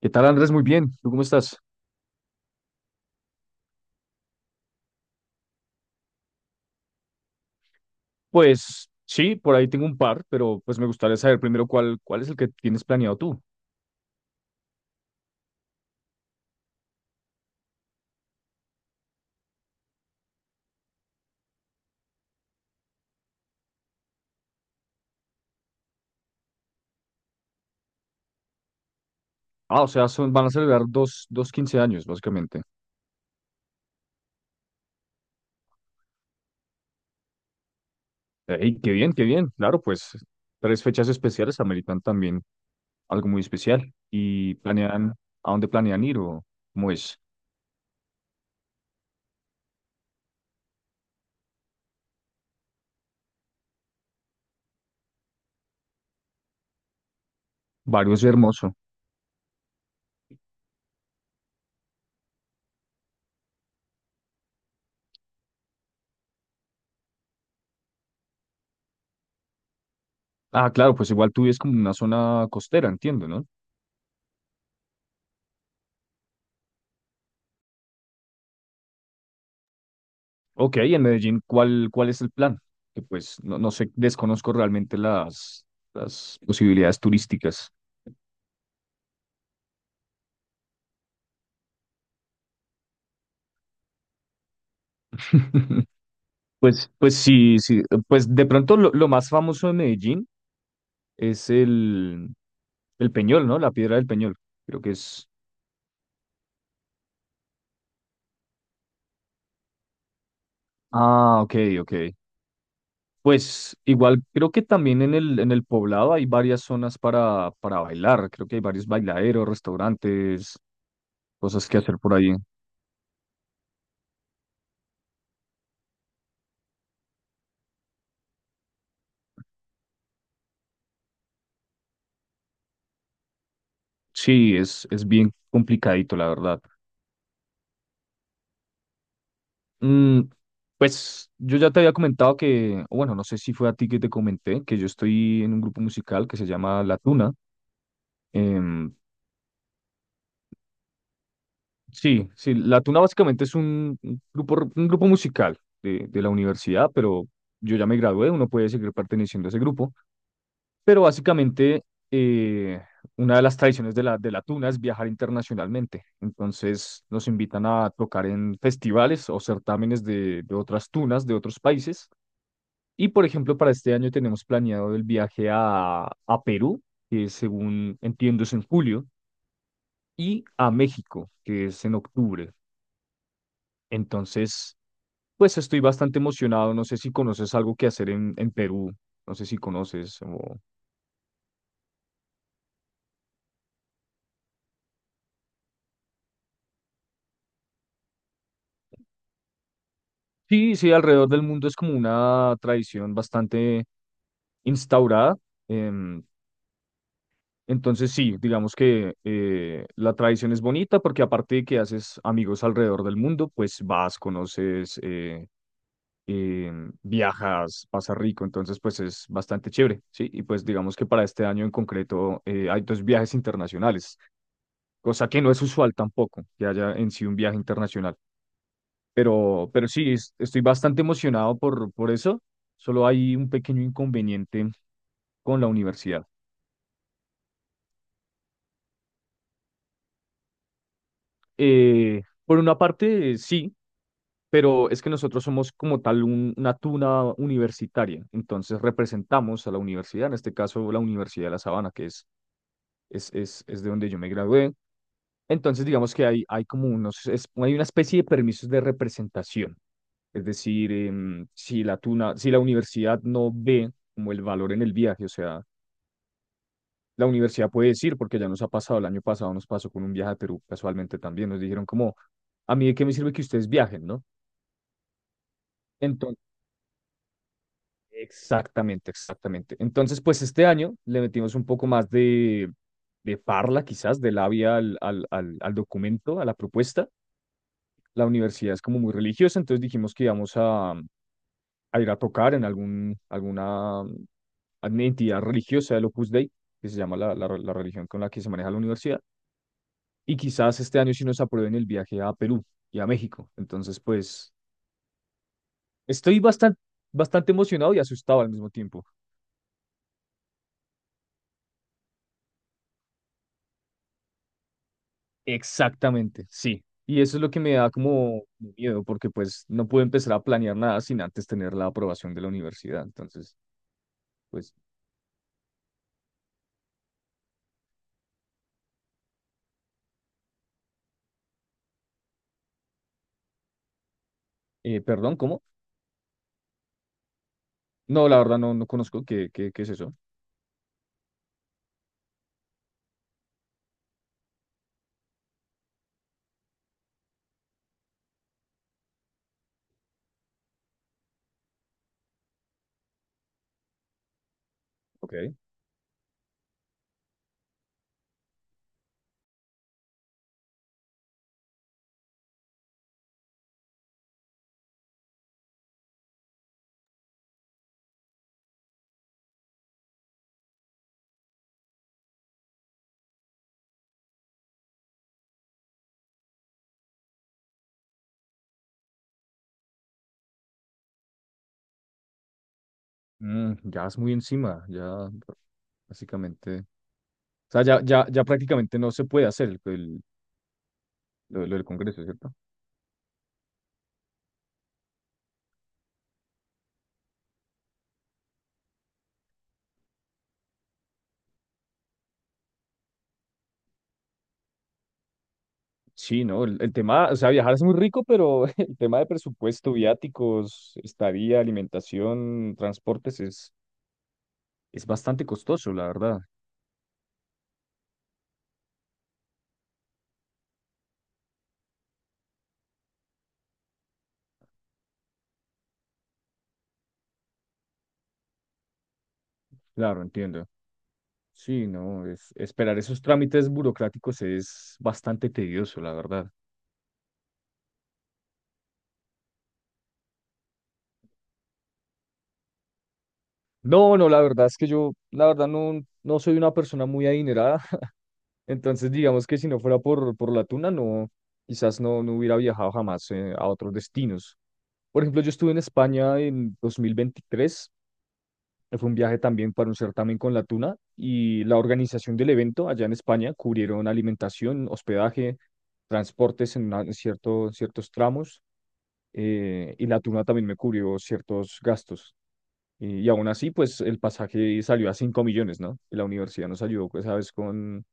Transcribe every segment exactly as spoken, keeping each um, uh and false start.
¿Qué tal, Andrés? Muy bien. ¿Tú cómo estás? Pues sí, por ahí tengo un par, pero pues me gustaría saber primero cuál, cuál es el que tienes planeado tú. Ah, o sea, son, van a celebrar dos, dos quince años, básicamente. Ey, qué bien, qué bien. Claro, pues tres fechas especiales ameritan también algo muy especial. Y planean, ¿a dónde planean ir o cómo es? Barrio hermoso. Ah, claro, pues igual tú vives como en una zona costera, entiendo, ¿no? Ok, en Medellín, ¿cuál, cuál es el plan? Que pues no, no sé, desconozco realmente las, las posibilidades turísticas. Pues, pues sí, sí, pues de pronto lo, lo más famoso de Medellín es el, el Peñol, ¿no? La Piedra del Peñol, creo que es. Ah, ok, ok. Pues igual creo que también en el, en el Poblado hay varias zonas para, para bailar, creo que hay varios bailaderos, restaurantes, cosas que hacer por ahí. Sí, es, es bien complicadito, la verdad. Mm, pues yo ya te había comentado que, o bueno, no sé si fue a ti que te comenté, que yo estoy en un grupo musical que se llama La Tuna. Em, sí, sí, La Tuna básicamente es un, un grupo, r- un grupo musical de, de la universidad, pero yo ya me gradué, uno puede seguir perteneciendo a ese grupo. Pero básicamente eh, una de las tradiciones de la, de La Tuna es viajar internacionalmente. Entonces nos invitan a tocar en festivales o certámenes de de otras tunas, de otros países. Y por ejemplo, para este año tenemos planeado el viaje a, a Perú, que según entiendo es en julio, y a México, que es en octubre. Entonces, pues estoy bastante emocionado. No sé si conoces algo que hacer en, en Perú. No sé si conoces. o- Sí, sí, alrededor del mundo es como una tradición bastante instaurada. em, entonces, sí, digamos que eh, la tradición es bonita porque aparte de que haces amigos alrededor del mundo, pues vas, conoces... eh, eh, viajas, pasas rico, entonces pues es bastante chévere, ¿sí? Y pues digamos que para este año en concreto eh, hay dos viajes internacionales, cosa que no es usual tampoco, que haya en sí un viaje internacional. Pero, pero sí, es- estoy bastante emocionado por, por eso, solo hay un pequeño inconveniente con la universidad. Eh, por una parte, eh, sí. Pero es que nosotros somos como tal un- una tuna universitaria, entonces representamos a la universidad, en este caso la Universidad de La Sabana, que es es, es, es de donde yo me gradué. Entonces, digamos que hay, hay como unos, es- hay una especie de permisos de representación. Es decir, em, si la tuna, si la universidad no ve como el valor en el viaje, o sea, la universidad puede decir, porque ya nos ha pasado, el año pasado nos pasó con un viaje a Perú, casualmente también, nos dijeron como, a mí de qué me sirve que ustedes viajen, ¿no? Entonces, exactamente, exactamente. Entonces, pues este año le metimos un poco más de, de parla, quizás, de labia al, al, al al documento, a la propuesta. La universidad es como muy religiosa, entonces dijimos que íbamos a, a ir a tocar en algún, alguna mm, entidad religiosa del Opus Dei, que se llama la, la la religión con la que se maneja la universidad, y quizás este año sí nos aprueben el viaje a Perú y a México. Entonces, pues estoy bastante, bastante emocionado y asustado al mismo tiempo. Exactamente, sí. Y eso es lo que me da como miedo, porque pues no puedo empezar a planear nada sin antes tener la aprobación de la universidad. Entonces, pues, eh, perdón, ¿cómo? No, la verdad no, no conozco qué, qué, qué es eso. Ok. Mm, ya es muy encima, ya básicamente. O sea, ya, ya, ya prácticamente no se puede hacer el, el- lo, lo del Congreso, ¿cierto? Sí, ¿no? El, el tema, o sea, viajar es muy rico, pero el tema de presupuesto, viáticos, estadía, alimentación, transportes es, es bastante costoso, la verdad. Claro, entiendo. Sí, no, es, esperar esos trámites burocráticos es bastante tedioso, la verdad. No, no, la verdad es que yo, la verdad, no, no soy una persona muy adinerada. Entonces, digamos que si no fuera por, por la tuna, no, quizás no, no hubiera viajado jamás eh, a otros destinos. Por ejemplo, yo estuve en España en dos mil veintitrés. eh, Fue un viaje también para un certamen con la tuna y la organización del evento allá en España cubrieron alimentación, hospedaje, transportes en, una- en cierto- ciertos tramos eh, y la tuna también me cubrió ciertos gastos. Y, y aún así, pues el pasaje salió a cinco millones, ¿no? Y la universidad nos ayudó, pues, ¿sabes? Con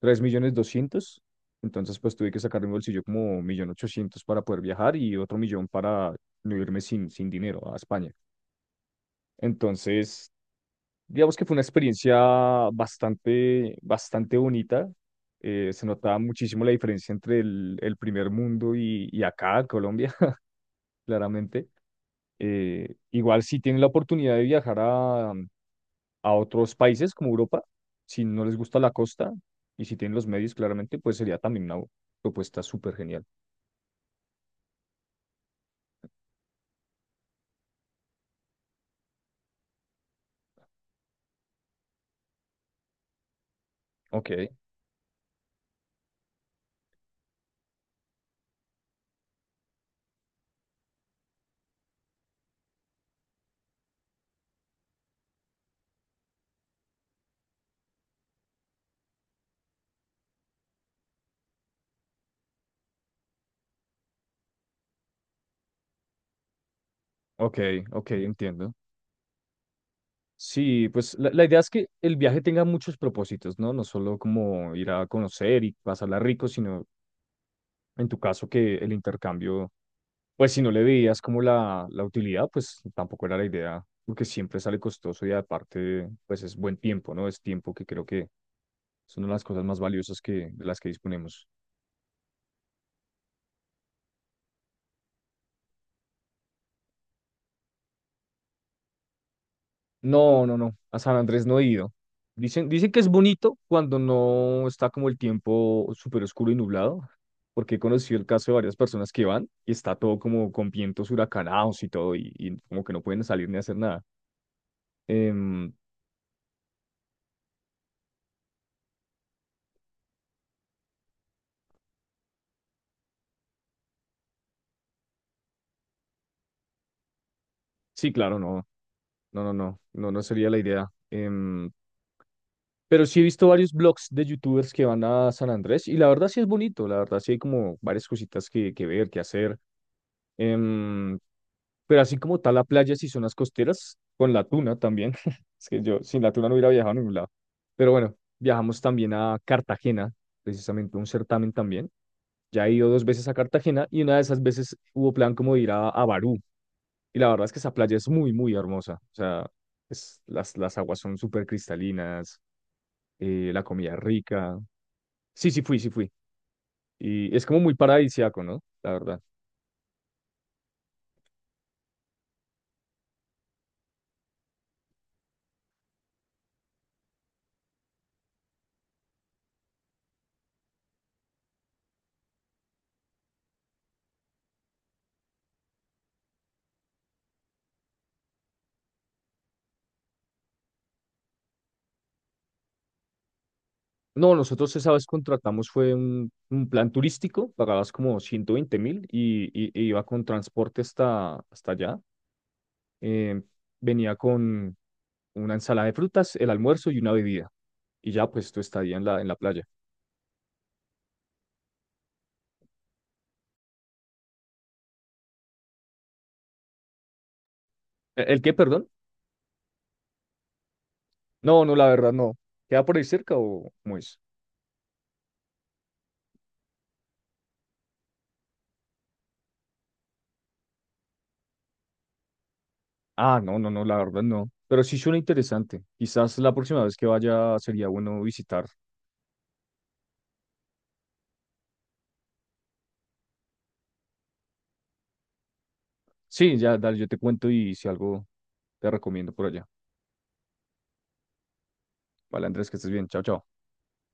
tres millones doscientos. Entonces, pues tuve que sacar de mi bolsillo como un millón ochocientos para poder viajar y otro millón para no irme sin, sin dinero a España. Entonces, digamos que fue una experiencia bastante, bastante bonita. Eh, se notaba muchísimo la diferencia entre el, el primer mundo y, y acá, Colombia, claramente. Eh, igual si tienen la oportunidad de viajar a, a otros países como Europa, si no les gusta la costa y si tienen los medios, claramente, pues sería también una propuesta súper genial. Ok, ok, ok, entiendo. Sí, pues la, la idea es que el viaje tenga muchos propósitos, ¿no? No solo como ir a conocer y pasarla rico, sino en tu caso que el intercambio, pues si no le veías como la, la utilidad, pues tampoco era la idea, porque siempre sale costoso y aparte, pues es buen tiempo, ¿no? Es tiempo que creo que son una de las cosas más valiosas que, de las que disponemos. No, no, no. A San Andrés no he ido. Dicen, dicen que es bonito cuando no está como el tiempo súper oscuro y nublado, porque he conocido el caso de varias personas que van y está todo como con vientos huracanados y todo, y, y como que no pueden salir ni hacer nada. Em, sí, claro, no, no, no, no, no, no sería la idea. Em, pero sí he visto varios blogs de youtubers que van a San Andrés y la verdad sí es bonito, la verdad sí hay como varias cositas que, que ver, que hacer. Em, Pero así como tal la playa, si son las costeras, con la tuna también. Es que yo sin la tuna no hubiera viajado a ningún lado. Pero bueno, viajamos también a Cartagena, precisamente un certamen también. Ya he ido dos veces a Cartagena y una de esas veces hubo plan como de ir a, a Barú. Y la verdad es que esa playa es muy, muy hermosa. O sea, es- las, las aguas son súper cristalinas, eh, la comida es rica. Sí, sí fui, sí fui. Y es como muy paradisíaco, ¿no? La verdad. No, nosotros esa vez contratamos fue un, un plan turístico, pagabas como ciento veinte mil y, y- e iba con transporte hasta, hasta allá. Eh, venía con una ensalada de frutas, el almuerzo y una bebida. Y ya pues tu estadía en la, en la playa. ¿E- ¿El, qué, perdón? No, no, la verdad no. ¿Queda por ahí cerca o cómo es? Ah, no, no, no, la verdad no. Pero sí suena interesante. Quizás la próxima vez que vaya sería bueno visitar. Sí, ya, dale, yo te cuento y si algo te recomiendo por allá. Vale, Andrés, que estés bien. Chao, chao.